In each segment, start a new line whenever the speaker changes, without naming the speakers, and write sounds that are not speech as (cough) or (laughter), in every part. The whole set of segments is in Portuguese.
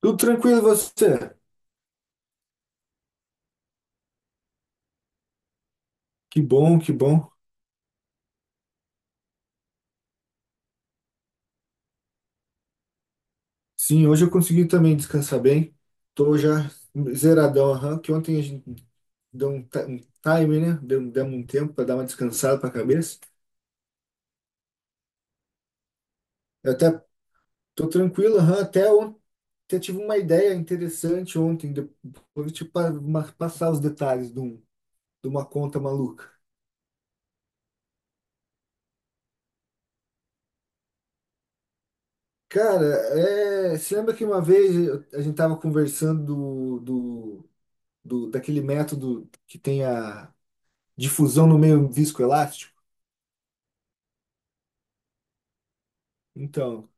Tudo tranquilo, e você? Que bom, que bom. Sim, hoje eu consegui também descansar bem. Tô já zeradão, aham, que ontem a gente deu um time, né? Demos um tempo para dar uma descansada para a cabeça. Eu até tô tranquilo, aham, até tive uma ideia interessante ontem, depois de passar os detalhes de uma conta maluca. Cara, você lembra que uma vez a gente tava conversando daquele método que tem a difusão no meio viscoelástico? Então,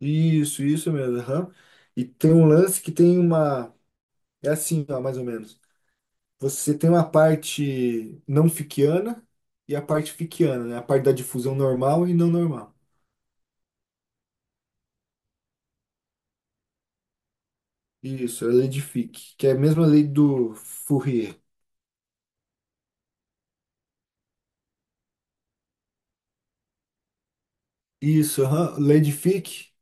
isso mesmo. Aham. E tem um lance que tem uma. É assim, ó, mais ou menos. Você tem uma parte não fickiana e a parte fickiana, né? A parte da difusão normal e não normal. Isso, é a lei de Fick, que é a mesma lei do Fourier. Isso, aham. Lei de Fick,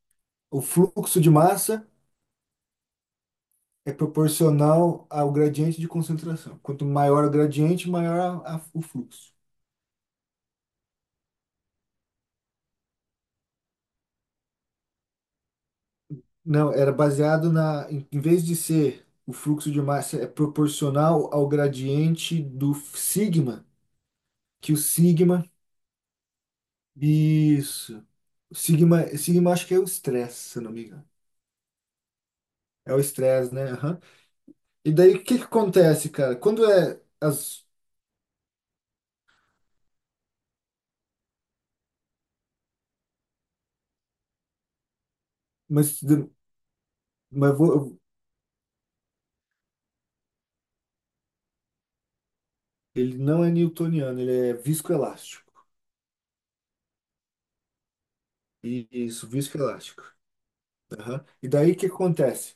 o fluxo de massa é proporcional ao gradiente de concentração. Quanto maior o gradiente, maior o fluxo. Não, era baseado na, em em vez de ser o fluxo de massa é proporcional ao gradiente do sigma, que o sigma, isso, o sigma acho que é o estresse, se eu não me engano. É o estresse, né? Aham. E daí o que que acontece, cara? Quando é as, mas, mas vou, ele não é newtoniano, ele é viscoelástico. Isso, viscoelástico. Aham. E daí o que acontece?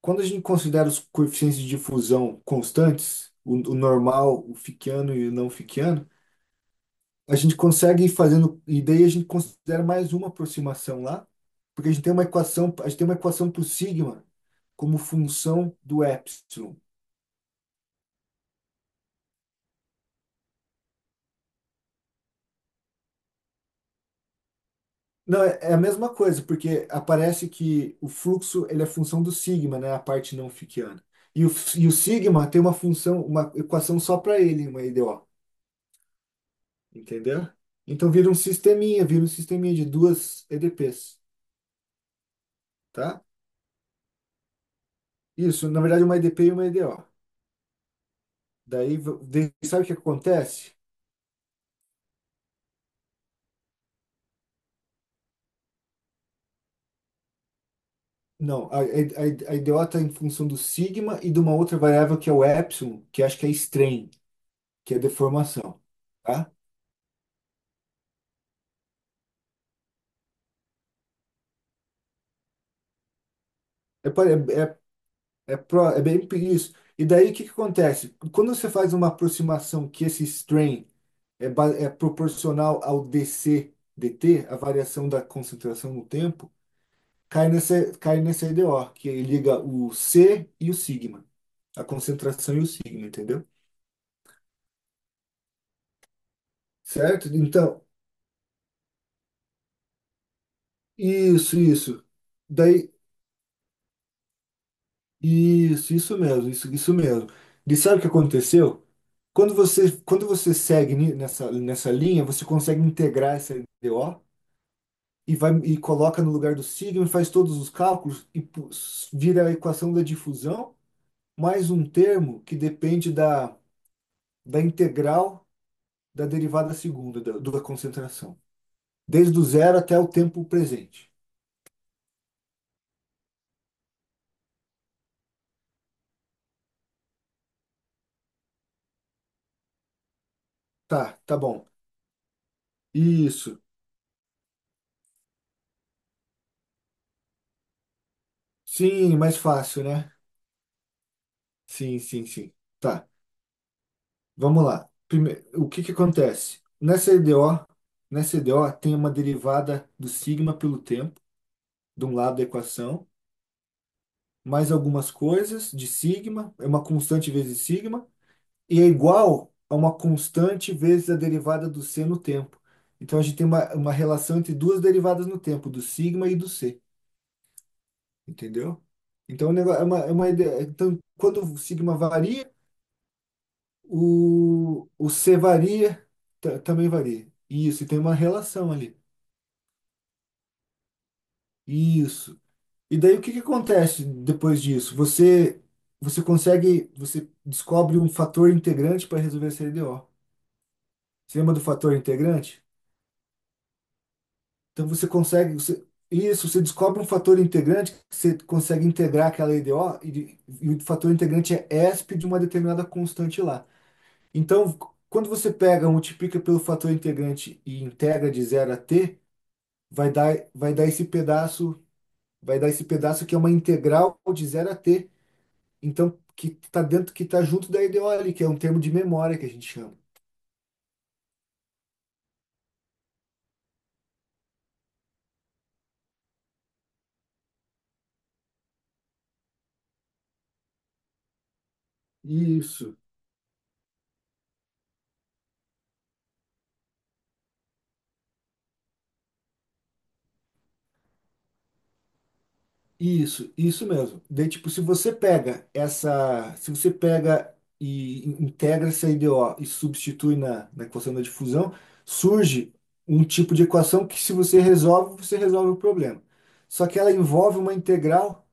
Quando a gente considera os coeficientes de difusão constantes, o normal, o Fickiano e o não Fickiano, a gente consegue ir fazendo, e daí a gente considera mais uma aproximação lá, porque a gente tem uma equação, a gente tem uma equação para o sigma como função do epsilon. Não, é a mesma coisa, porque aparece que o fluxo ele é função do sigma, né, a parte não Fickiana. E o, e o sigma tem uma função, uma equação só para ele, uma EDO. Entendeu? Então vira um sisteminha de duas EDPs, tá? Isso, na verdade, uma EDP e uma EDO. Daí, sabe o que acontece? Não, a EDO está em função do sigma e de uma outra variável que é o epsilon, que acho que é strain, que é deformação, tá? É, pare- é, é, é bem isso. E daí o que que acontece? Quando você faz uma aproximação que esse strain é proporcional ao DC, DT, a variação da concentração no tempo, cai nesse o que liga o C e o sigma, a concentração e o sigma, entendeu? Certo? Então, isso, isso. Daí, isso mesmo, isso mesmo. E sabe o que aconteceu? Quando você segue nessa linha, você consegue integrar essa I D o e vai e coloca no lugar do sigma, e faz todos os cálculos e vira a equação da difusão mais um termo que depende da integral da derivada segunda da concentração. Desde o zero até o tempo presente. Tá, tá bom. Isso. Sim, mais fácil, né? Sim, sim, sim. Tá, vamos lá. Primeiro, o que que acontece? Nessa EDO tem uma derivada do sigma pelo tempo, de um lado da equação, mais algumas coisas de sigma, é uma constante vezes sigma, e é igual a uma constante vezes a derivada do c no tempo. Então a gente tem uma relação entre duas derivadas no tempo, do sigma e do c, entendeu? Então o negócio é uma ideia. Então, quando o sigma varia, o c varia, também varia. Isso, e tem uma relação ali. Isso. E daí o que que acontece depois disso? Você consegue, você descobre um fator integrante para resolver essa L D o. Você lembra do fator integrante? Então você consegue, isso, você descobre um fator integrante que você consegue integrar aquela IDO e o fator integrante é ESP de uma determinada constante lá. Então, quando você pega, multiplica pelo fator integrante e integra de zero a t, vai dar esse pedaço, vai dar esse pedaço que é uma integral de zero a t. Então, que está dentro, que está junto da IDO ali, que é um termo de memória que a gente chama. Isso. Isso mesmo. Daí, tipo, se você pega essa, se você pega e integra essa IDO e substitui na equação da difusão, surge um tipo de equação que se você resolve, você resolve o problema. Só que ela envolve uma integral,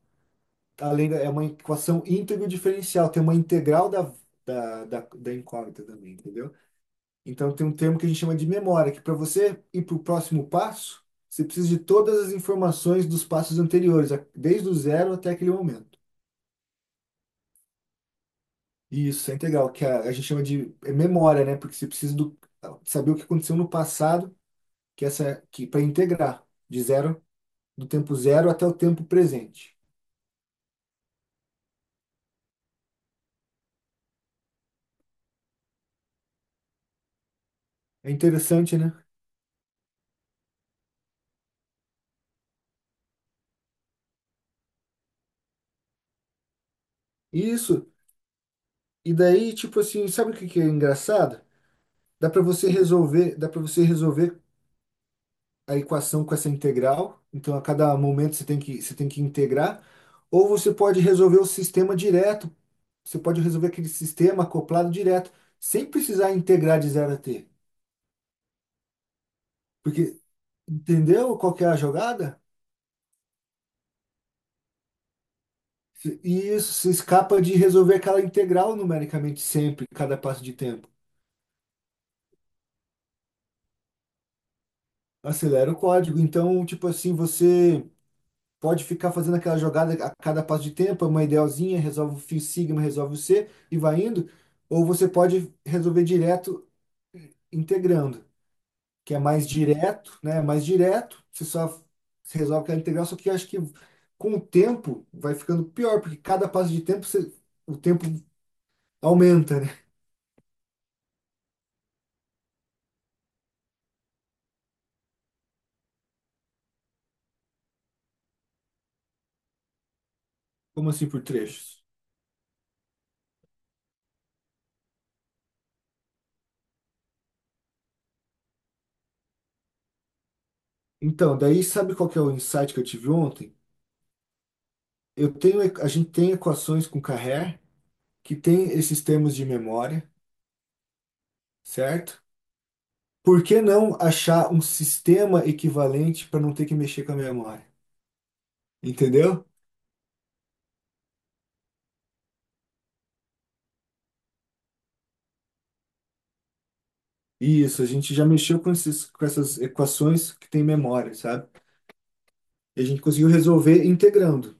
além da, é uma equação íntegro-diferencial, tem uma integral da incógnita também, entendeu? Então tem um termo que a gente chama de memória, que para você ir para o próximo passo, você precisa de todas as informações dos passos anteriores, desde o zero até aquele momento. E isso é integral, que a gente chama de memória, né? Porque você precisa saber o que aconteceu no passado, que para integrar de zero, do tempo zero até o tempo presente. É interessante, né? Isso. E daí, tipo assim, sabe o que que é engraçado? Dá para você resolver a equação com essa integral, então a cada momento você tem que integrar, ou você pode resolver o sistema direto, você pode resolver aquele sistema acoplado direto, sem precisar integrar de zero a t. Porque, entendeu qual que é a jogada? E isso se escapa de resolver aquela integral numericamente sempre, cada passo de tempo. Acelera o código. Então, tipo assim, você. Pode ficar fazendo aquela jogada a cada passo de tempo, é uma idealzinha, resolve o φ sigma, resolve o C e vai indo. Ou você pode resolver direto integrando, que é mais direto, né? É mais direto, você só resolve aquela integral, só que eu acho que com o tempo vai ficando pior, porque cada passo de tempo o tempo aumenta, né? Como assim por trechos? Então, daí sabe qual que é o insight que eu tive ontem? A gente tem equações com Carré que tem esses termos de memória, certo? Por que não achar um sistema equivalente para não ter que mexer com a memória? Entendeu? Isso, a gente já mexeu com com essas equações que tem memória, sabe? E a gente conseguiu resolver integrando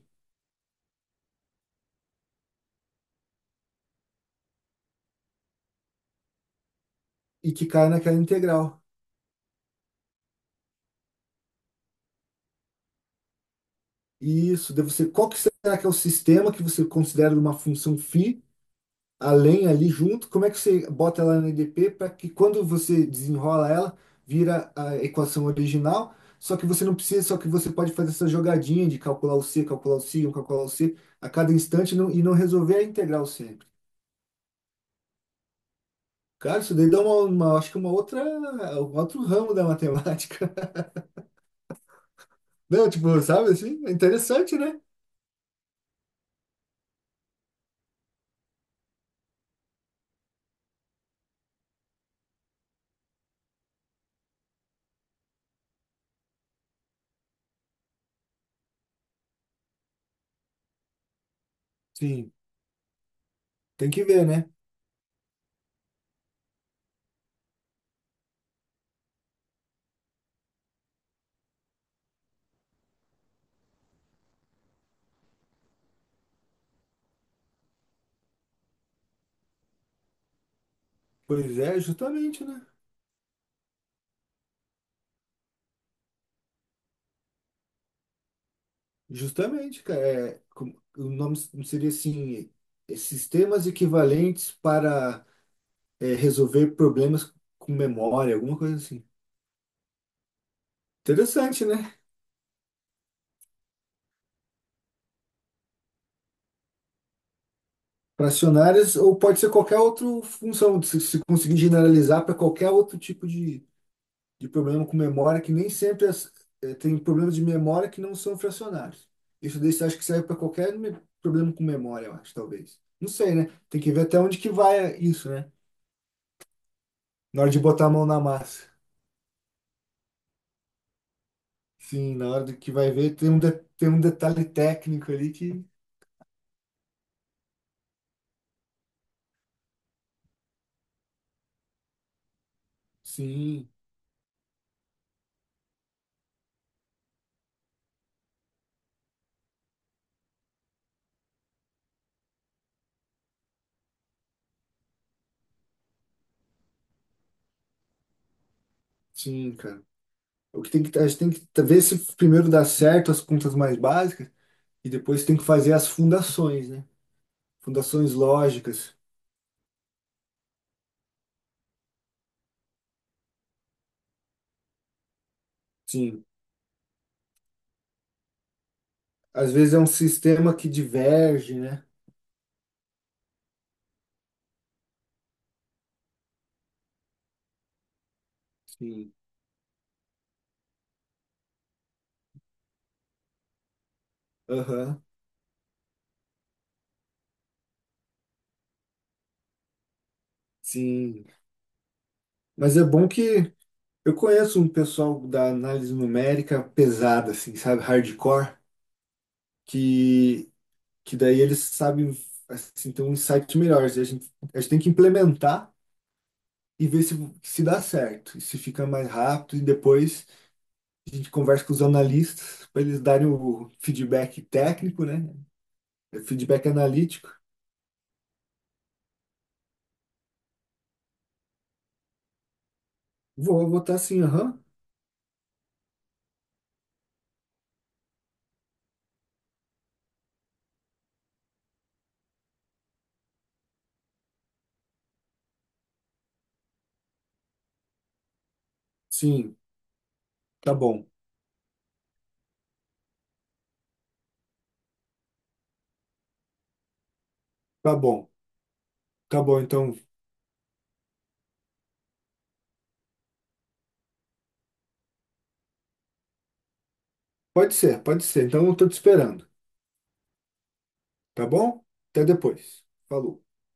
e que cai naquela integral. Isso, daí qual que será que é o sistema que você considera uma função φ a lenha ali junto, como é que você bota ela na EDP para que quando você desenrola ela, vira a equação original, só que você não precisa, só que você pode fazer essa jogadinha de calcular o C, um, calcular o C a cada instante e não resolver a integral sempre. Cara, isso daí dá acho que uma outra, um outro ramo da matemática. (laughs) Não, tipo, sabe assim? É interessante, né? Sim, tem que ver, né? Pois é, justamente, né? Justamente, cara, o nome seria assim, sistemas equivalentes para resolver problemas com memória, alguma coisa assim. Interessante, né? Fracionárias, ou pode ser qualquer outra função, se conseguir generalizar para qualquer outro tipo de problema com memória, que nem sempre tem problemas de memória que não são fracionários. Isso daí você acha que serve para qualquer problema com memória, eu acho, talvez. Não sei, né? Tem que ver até onde que vai isso, né? Na hora de botar a mão na massa. Sim, na hora do que vai ver, tem um detalhe técnico ali que. Sim, sim, cara. O que tem que, a gente tem que ver se primeiro dá certo as contas mais básicas e depois tem que fazer as fundações, né? Fundações lógicas. Sim. Às vezes é um sistema que diverge, né? Sim. Aham. Sim. Mas é bom que eu conheço um pessoal da análise numérica pesada, assim, sabe? Hardcore, que que daí eles sabem assim, ter uns sites melhores. E a gente tem que implementar e ver se dá certo, e se fica mais rápido, e depois a gente conversa com os analistas para eles darem o feedback técnico, né? É feedback analítico. Vou votar sim, aham. Sim, tá bom, tá bom, tá bom. Então, pode ser, pode ser. Então, eu tô te esperando, tá bom? Até depois. Falou.